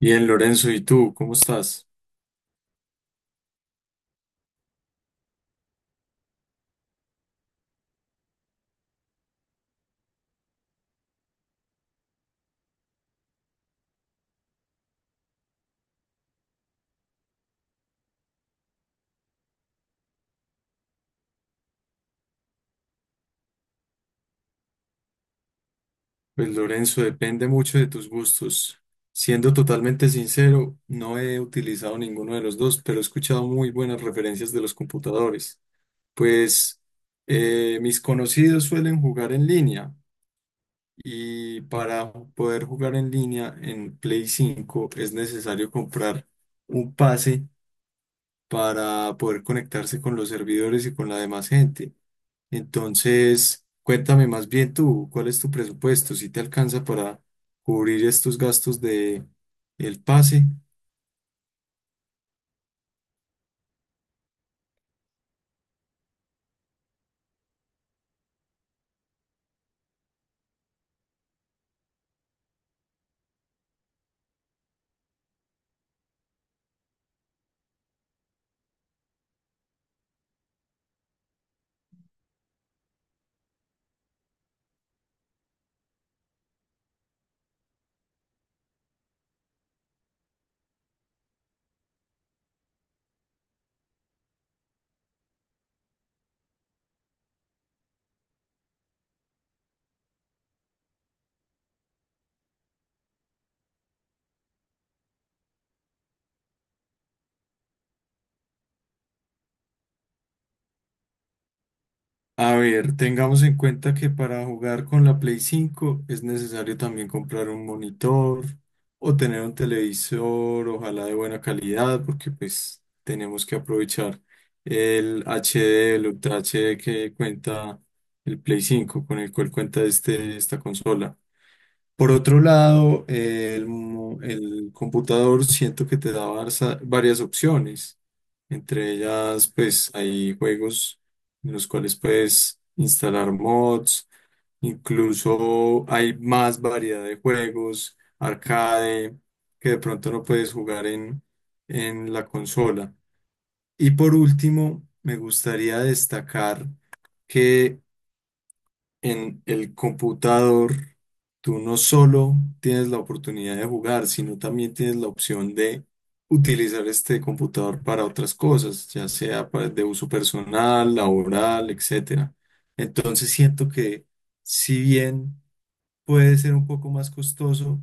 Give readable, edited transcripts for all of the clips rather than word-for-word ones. Bien, Lorenzo, ¿y tú cómo estás? Pues Lorenzo, depende mucho de tus gustos. Siendo totalmente sincero, no he utilizado ninguno de los dos, pero he escuchado muy buenas referencias de los computadores. Pues mis conocidos suelen jugar en línea, y para poder jugar en línea en Play 5 es necesario comprar un pase para poder conectarse con los servidores y con la demás gente. Entonces, cuéntame más bien tú, ¿cuál es tu presupuesto? ¿Si te alcanza para cubrir estos gastos de el pase? A ver, tengamos en cuenta que para jugar con la Play 5 es necesario también comprar un monitor o tener un televisor, ojalá de buena calidad, porque pues tenemos que aprovechar el HD, el Ultra HD que cuenta el Play 5, con el cual cuenta este, esta consola. Por otro lado, el computador siento que te da varias opciones. Entre ellas, pues hay juegos en los cuales puedes instalar mods, incluso hay más variedad de juegos arcade, que de pronto no puedes jugar en la consola. Y por último, me gustaría destacar que en el computador, tú no solo tienes la oportunidad de jugar, sino también tienes la opción de utilizar este computador para otras cosas, ya sea para- de uso personal, laboral, etcétera. Entonces siento que, si bien puede ser un poco más costoso,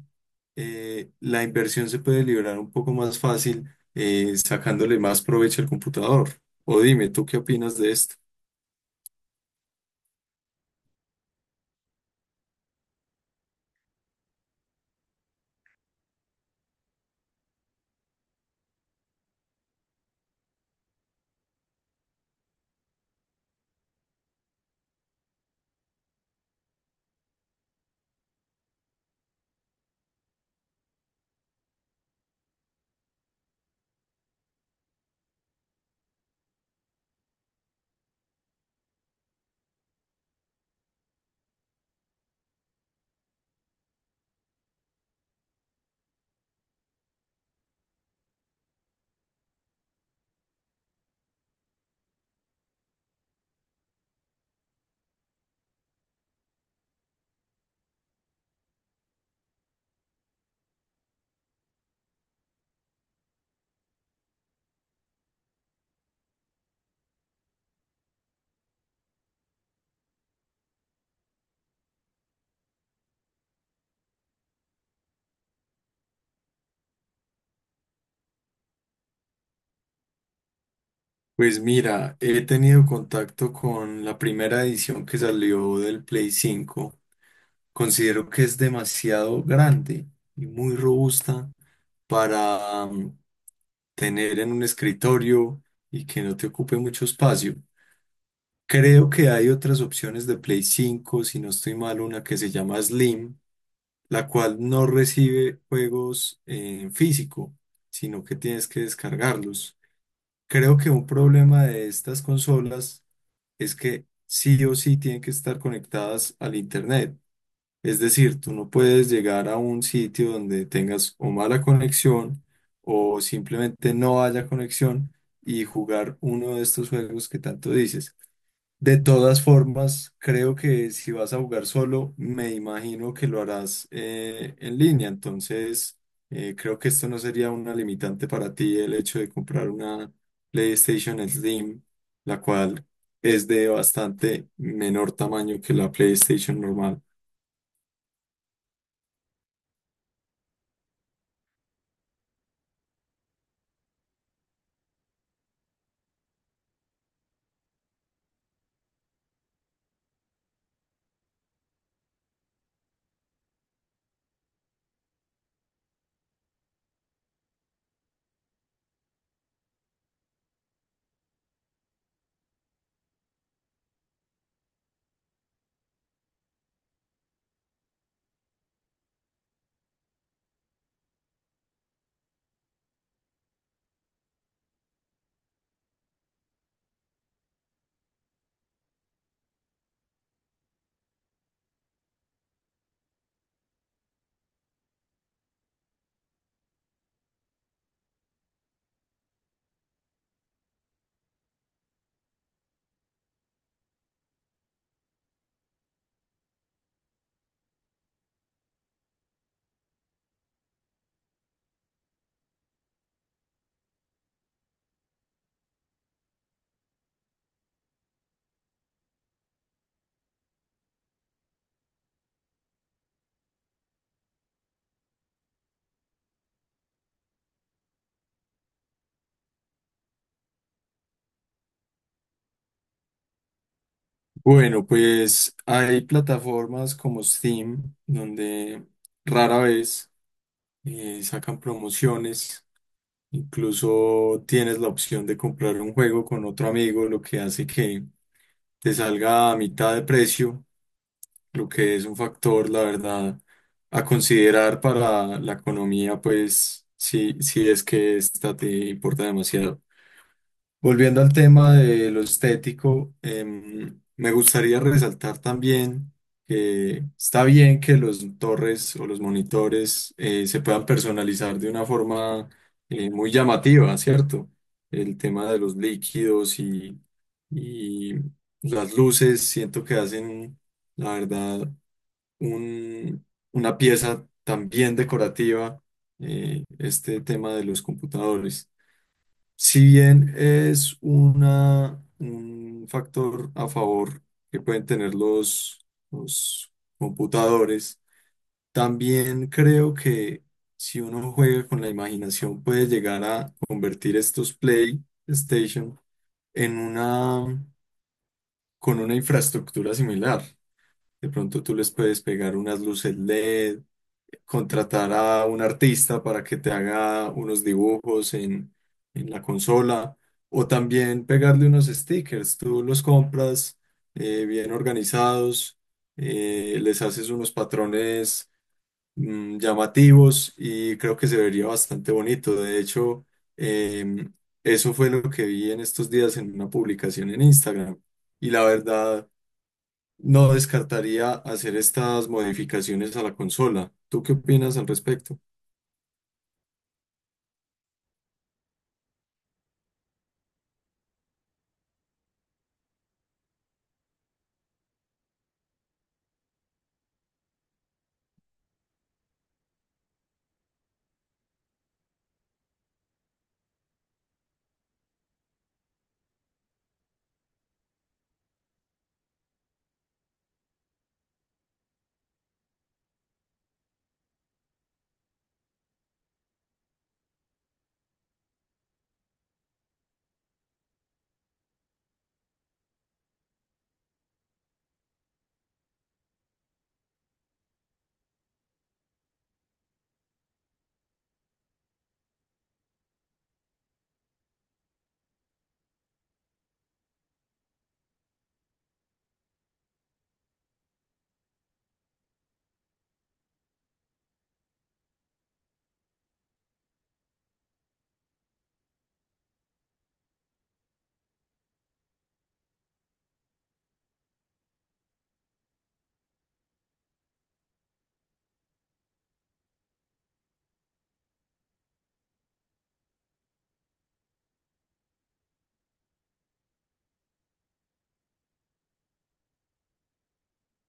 la inversión se puede liberar un poco más fácil, sacándole más provecho al computador. O dime, ¿tú qué opinas de esto? Pues mira, he tenido contacto con la primera edición que salió del Play 5. Considero que es demasiado grande y muy robusta para tener en un escritorio y que no te ocupe mucho espacio. Creo que hay otras opciones de Play cinco, si no estoy mal, una que se llama Slim, la cual no recibe juegos en físico, sino que tienes que descargarlos. Creo que un problema de estas consolas es que sí o sí tienen que estar conectadas al Internet. Es decir, tú no puedes llegar a un sitio donde tengas o mala conexión o simplemente no haya conexión y jugar uno de estos juegos que tanto dices. De todas formas, creo que si vas a jugar solo, me imagino que lo harás en línea. Entonces, creo que esto no sería una limitante para ti, el hecho de comprar una PlayStation Slim, la cual es de bastante menor tamaño que la PlayStation normal. Bueno, pues hay plataformas como Steam, donde rara vez sacan promociones. Incluso tienes la opción de comprar un juego con otro amigo, lo que hace que te salga a mitad de precio, lo que es un factor, la verdad, a considerar para la economía, pues si, si es que esta te importa demasiado. Volviendo al tema de lo estético, me gustaría resaltar también que está bien que los torres o los monitores se puedan personalizar de una forma muy llamativa, ¿cierto? El tema de los líquidos y las luces, siento que hacen, la verdad, un- una pieza también decorativa, este tema de los computadores. Si bien es un factor a favor que pueden tener los computadores, también creo que si uno juega con la imaginación puede llegar a convertir estos PlayStation en con una infraestructura similar. De pronto tú les puedes pegar unas luces LED, contratar a un artista para que te haga unos dibujos en la consola, o también pegarle unos stickers. Tú los compras bien organizados, les haces unos patrones llamativos y creo que se vería bastante bonito. De hecho, em, eso fue lo que vi en estos días en una publicación en Instagram y la verdad, no descartaría hacer estas modificaciones a la consola. ¿Tú qué opinas al respecto?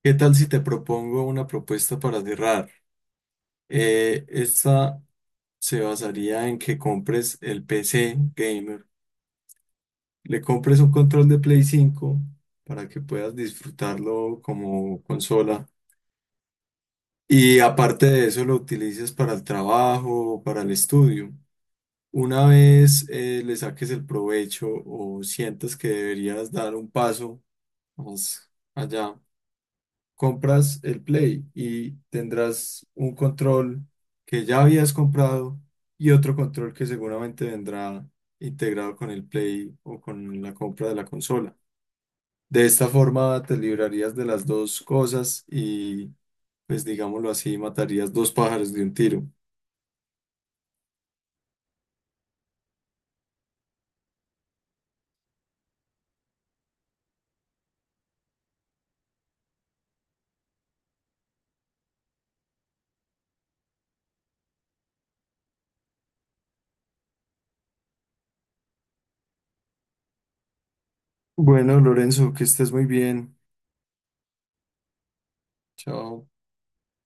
¿Qué tal si te propongo una propuesta para cerrar? Esta se basaría en que compres el PC gamer, le compres un control de Play 5 para que puedas disfrutarlo como consola, y aparte de eso lo utilices para el trabajo o para el estudio. Una vez le saques el provecho o sientas que deberías dar un paso más allá, compras el Play y tendrás un control que ya habías comprado y otro control que seguramente vendrá integrado con el Play o con la compra de la consola. De esta forma te librarías de las dos cosas y, pues digámoslo así, matarías dos pájaros de un tiro. Bueno, Lorenzo, que estés muy bien. Chao.